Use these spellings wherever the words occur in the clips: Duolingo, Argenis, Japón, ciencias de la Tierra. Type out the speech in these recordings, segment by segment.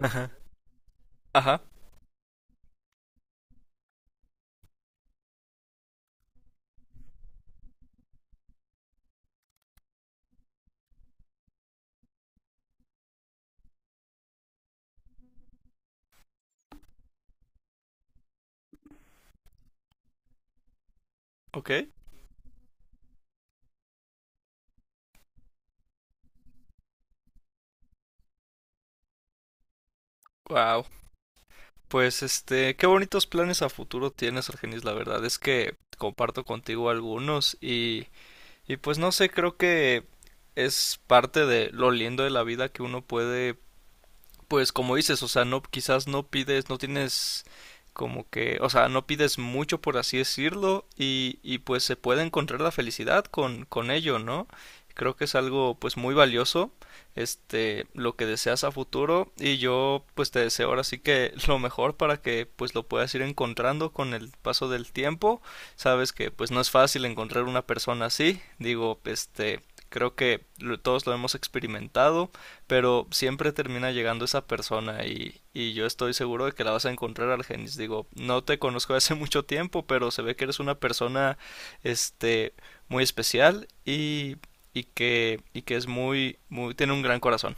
Ajá. Ajá, ok. Wow. Pues qué bonitos planes a futuro tienes, Argenis. La verdad es que comparto contigo algunos y pues no sé, creo que es parte de lo lindo de la vida que uno puede. Pues como dices, o sea, no, quizás no pides, no tienes como que, o sea, no pides mucho por así decirlo y pues se puede encontrar la felicidad con ello, ¿no? Creo que es algo pues muy valioso, lo que deseas a futuro y yo pues te deseo ahora sí que lo mejor para que pues lo puedas ir encontrando con el paso del tiempo. Sabes que pues no es fácil encontrar una persona así, digo, creo que todos lo hemos experimentado, pero siempre termina llegando esa persona y yo estoy seguro de que la vas a encontrar, Argenis. Digo, no te conozco hace mucho tiempo, pero se ve que eres una persona, este, muy especial y que es muy, muy, tiene un gran corazón.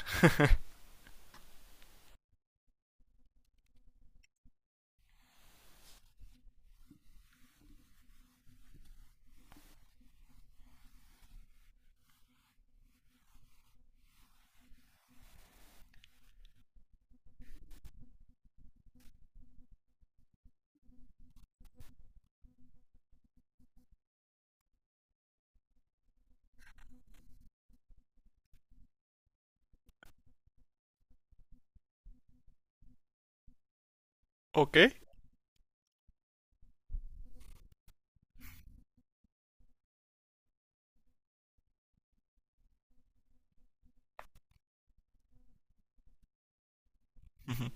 Ok. Ujú.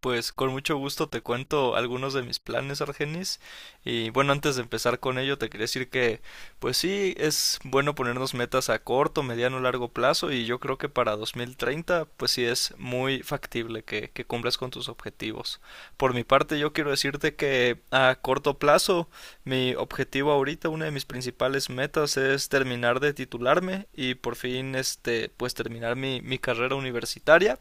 Pues con mucho gusto te cuento algunos de mis planes, Argenis. Y bueno, antes de empezar con ello, te quería decir que, pues sí, es bueno ponernos metas a corto, mediano, largo plazo. Y yo creo que para 2030, pues sí es muy factible que cumplas con tus objetivos. Por mi parte, yo quiero decirte que a corto plazo, mi objetivo ahorita, una de mis principales metas es terminar de titularme y por fin, pues terminar mi carrera universitaria.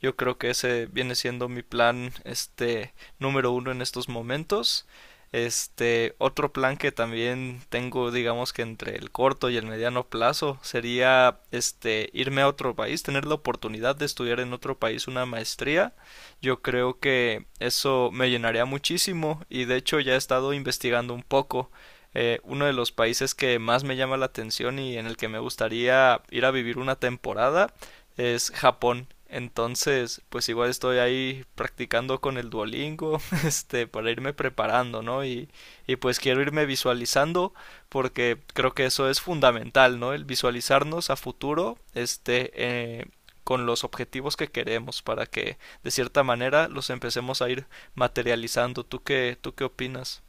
Yo creo que ese viene siendo mi plan, número uno en estos momentos. Este, otro plan que también tengo, digamos que entre el corto y el mediano plazo, sería este irme a otro país, tener la oportunidad de estudiar en otro país una maestría. Yo creo que eso me llenaría muchísimo y de hecho ya he estado investigando un poco. Uno de los países que más me llama la atención y en el que me gustaría ir a vivir una temporada es Japón. Entonces, pues igual estoy ahí practicando con el Duolingo, este, para irme preparando, ¿no? Y pues quiero irme visualizando porque creo que eso es fundamental, ¿no? El visualizarnos a futuro, con los objetivos que queremos para que de cierta manera los empecemos a ir materializando. ¿Tú qué opinas?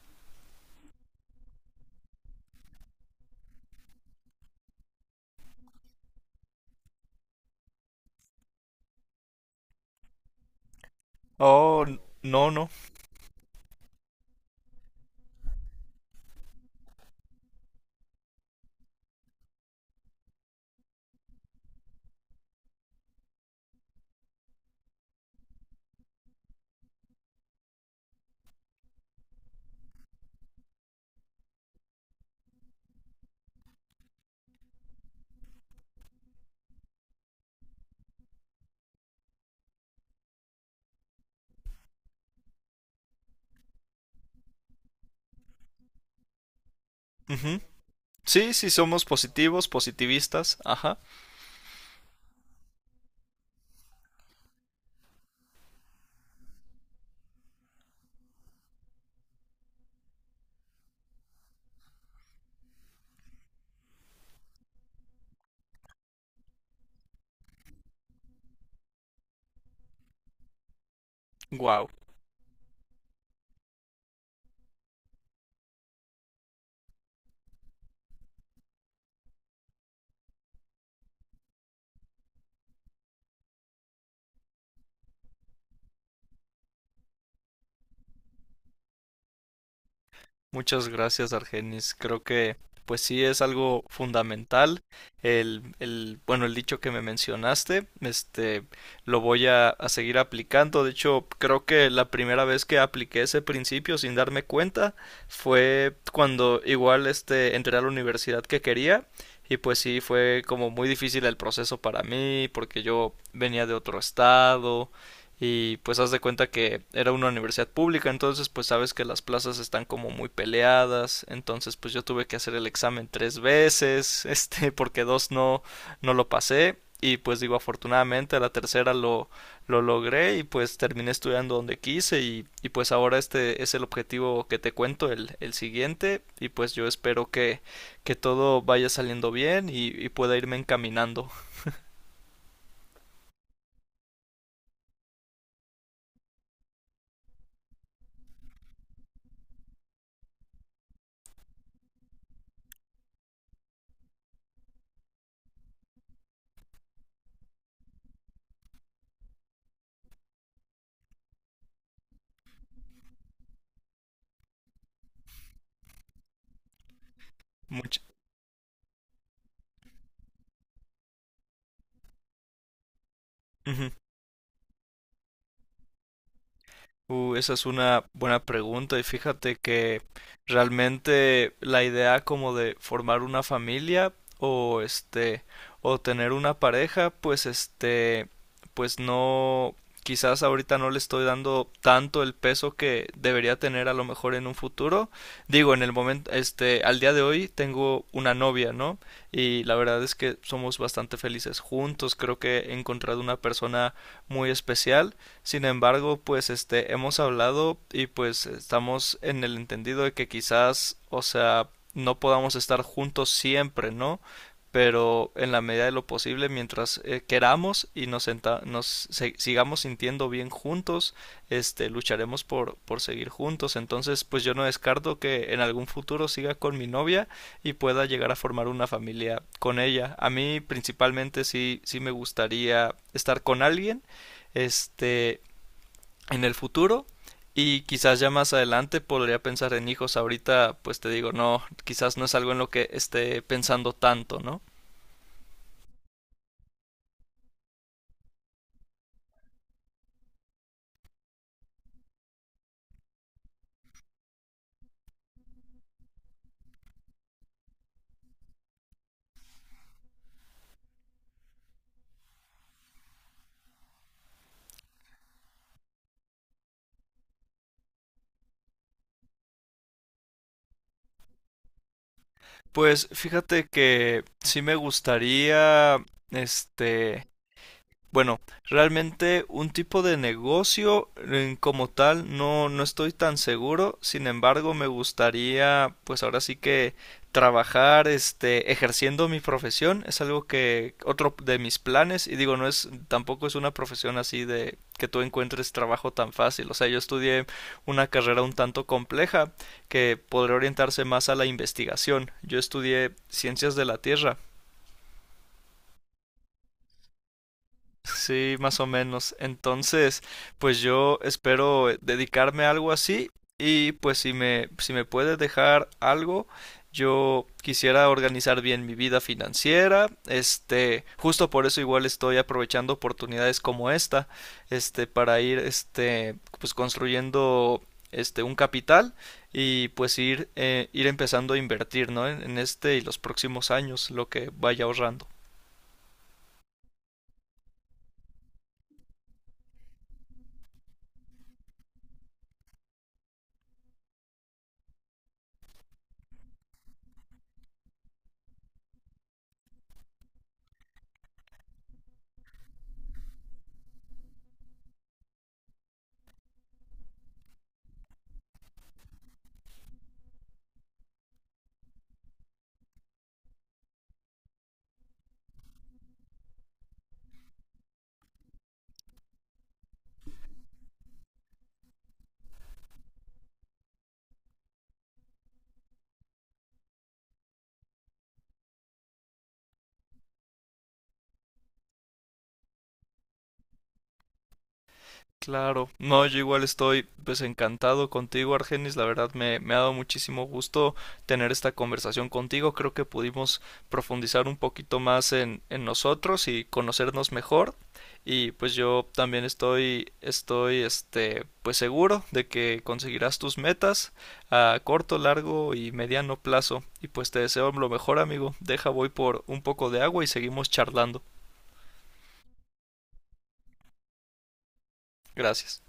Oh, no, no. Ujú. Sí, sí somos positivos, positivistas. Ajá. Wow. Muchas gracias, Argenis. Creo que pues sí es algo fundamental. Bueno, el dicho que me mencionaste, lo voy a seguir aplicando. De hecho, creo que la primera vez que apliqué ese principio sin darme cuenta fue cuando igual este entré a la universidad que quería y pues sí fue como muy difícil el proceso para mí, porque yo venía de otro estado y pues haz de cuenta que era una universidad pública, entonces pues sabes que las plazas están como muy peleadas, entonces pues yo tuve que hacer el examen tres veces, este, porque dos no, no lo pasé, y pues digo afortunadamente a la tercera lo logré y pues terminé estudiando donde quise y pues ahora este es el objetivo que te cuento el siguiente y pues yo espero que todo vaya saliendo bien y pueda irme encaminando. Much- Ujú. Esa es una buena pregunta y fíjate que realmente la idea como de formar una familia o este o tener una pareja, pues este pues no, quizás ahorita no le estoy dando tanto el peso que debería tener a lo mejor en un futuro. Digo, en el momento este al día de hoy tengo una novia, ¿no? Y la verdad es que somos bastante felices juntos, creo que he encontrado una persona muy especial. Sin embargo, pues este hemos hablado y pues estamos en el entendido de que quizás, o sea, no podamos estar juntos siempre, ¿no? Pero en la medida de lo posible, mientras queramos y nos, senta- nos se- sigamos sintiendo bien juntos, lucharemos por seguir juntos. Entonces, pues yo no descarto que en algún futuro siga con mi novia y pueda llegar a formar una familia con ella. A mí principalmente sí, sí me gustaría estar con alguien, este, en el futuro y quizás ya más adelante podría pensar en hijos. Ahorita, pues te digo, no, quizás no es algo en lo que esté pensando tanto, ¿no? Pues fíjate que sí me gustaría, este, bueno, realmente un tipo de negocio como tal no, no estoy tan seguro. Sin embargo, me gustaría, pues ahora sí que trabajar, ejerciendo mi profesión. Es algo que otro de mis planes. Y digo, no es, tampoco es una profesión así de que tú encuentres trabajo tan fácil. O sea, yo estudié una carrera un tanto compleja que podría orientarse más a la investigación. Yo estudié ciencias de la Tierra. Sí, más o menos. Entonces, pues yo espero dedicarme a algo así y pues si me puedes dejar algo, yo quisiera organizar bien mi vida financiera. Este, justo por eso igual estoy aprovechando oportunidades como esta, para ir, pues construyendo, un capital y pues ir empezando a invertir, ¿no? En este y los próximos años, lo que vaya ahorrando. Claro, no, yo igual estoy pues encantado contigo, Argenis, la verdad me ha dado muchísimo gusto tener esta conversación contigo, creo que pudimos profundizar un poquito más en nosotros y conocernos mejor y pues yo también estoy este pues seguro de que conseguirás tus metas a corto, largo y mediano plazo y pues te deseo lo mejor, amigo, deja voy por un poco de agua y seguimos charlando. Gracias.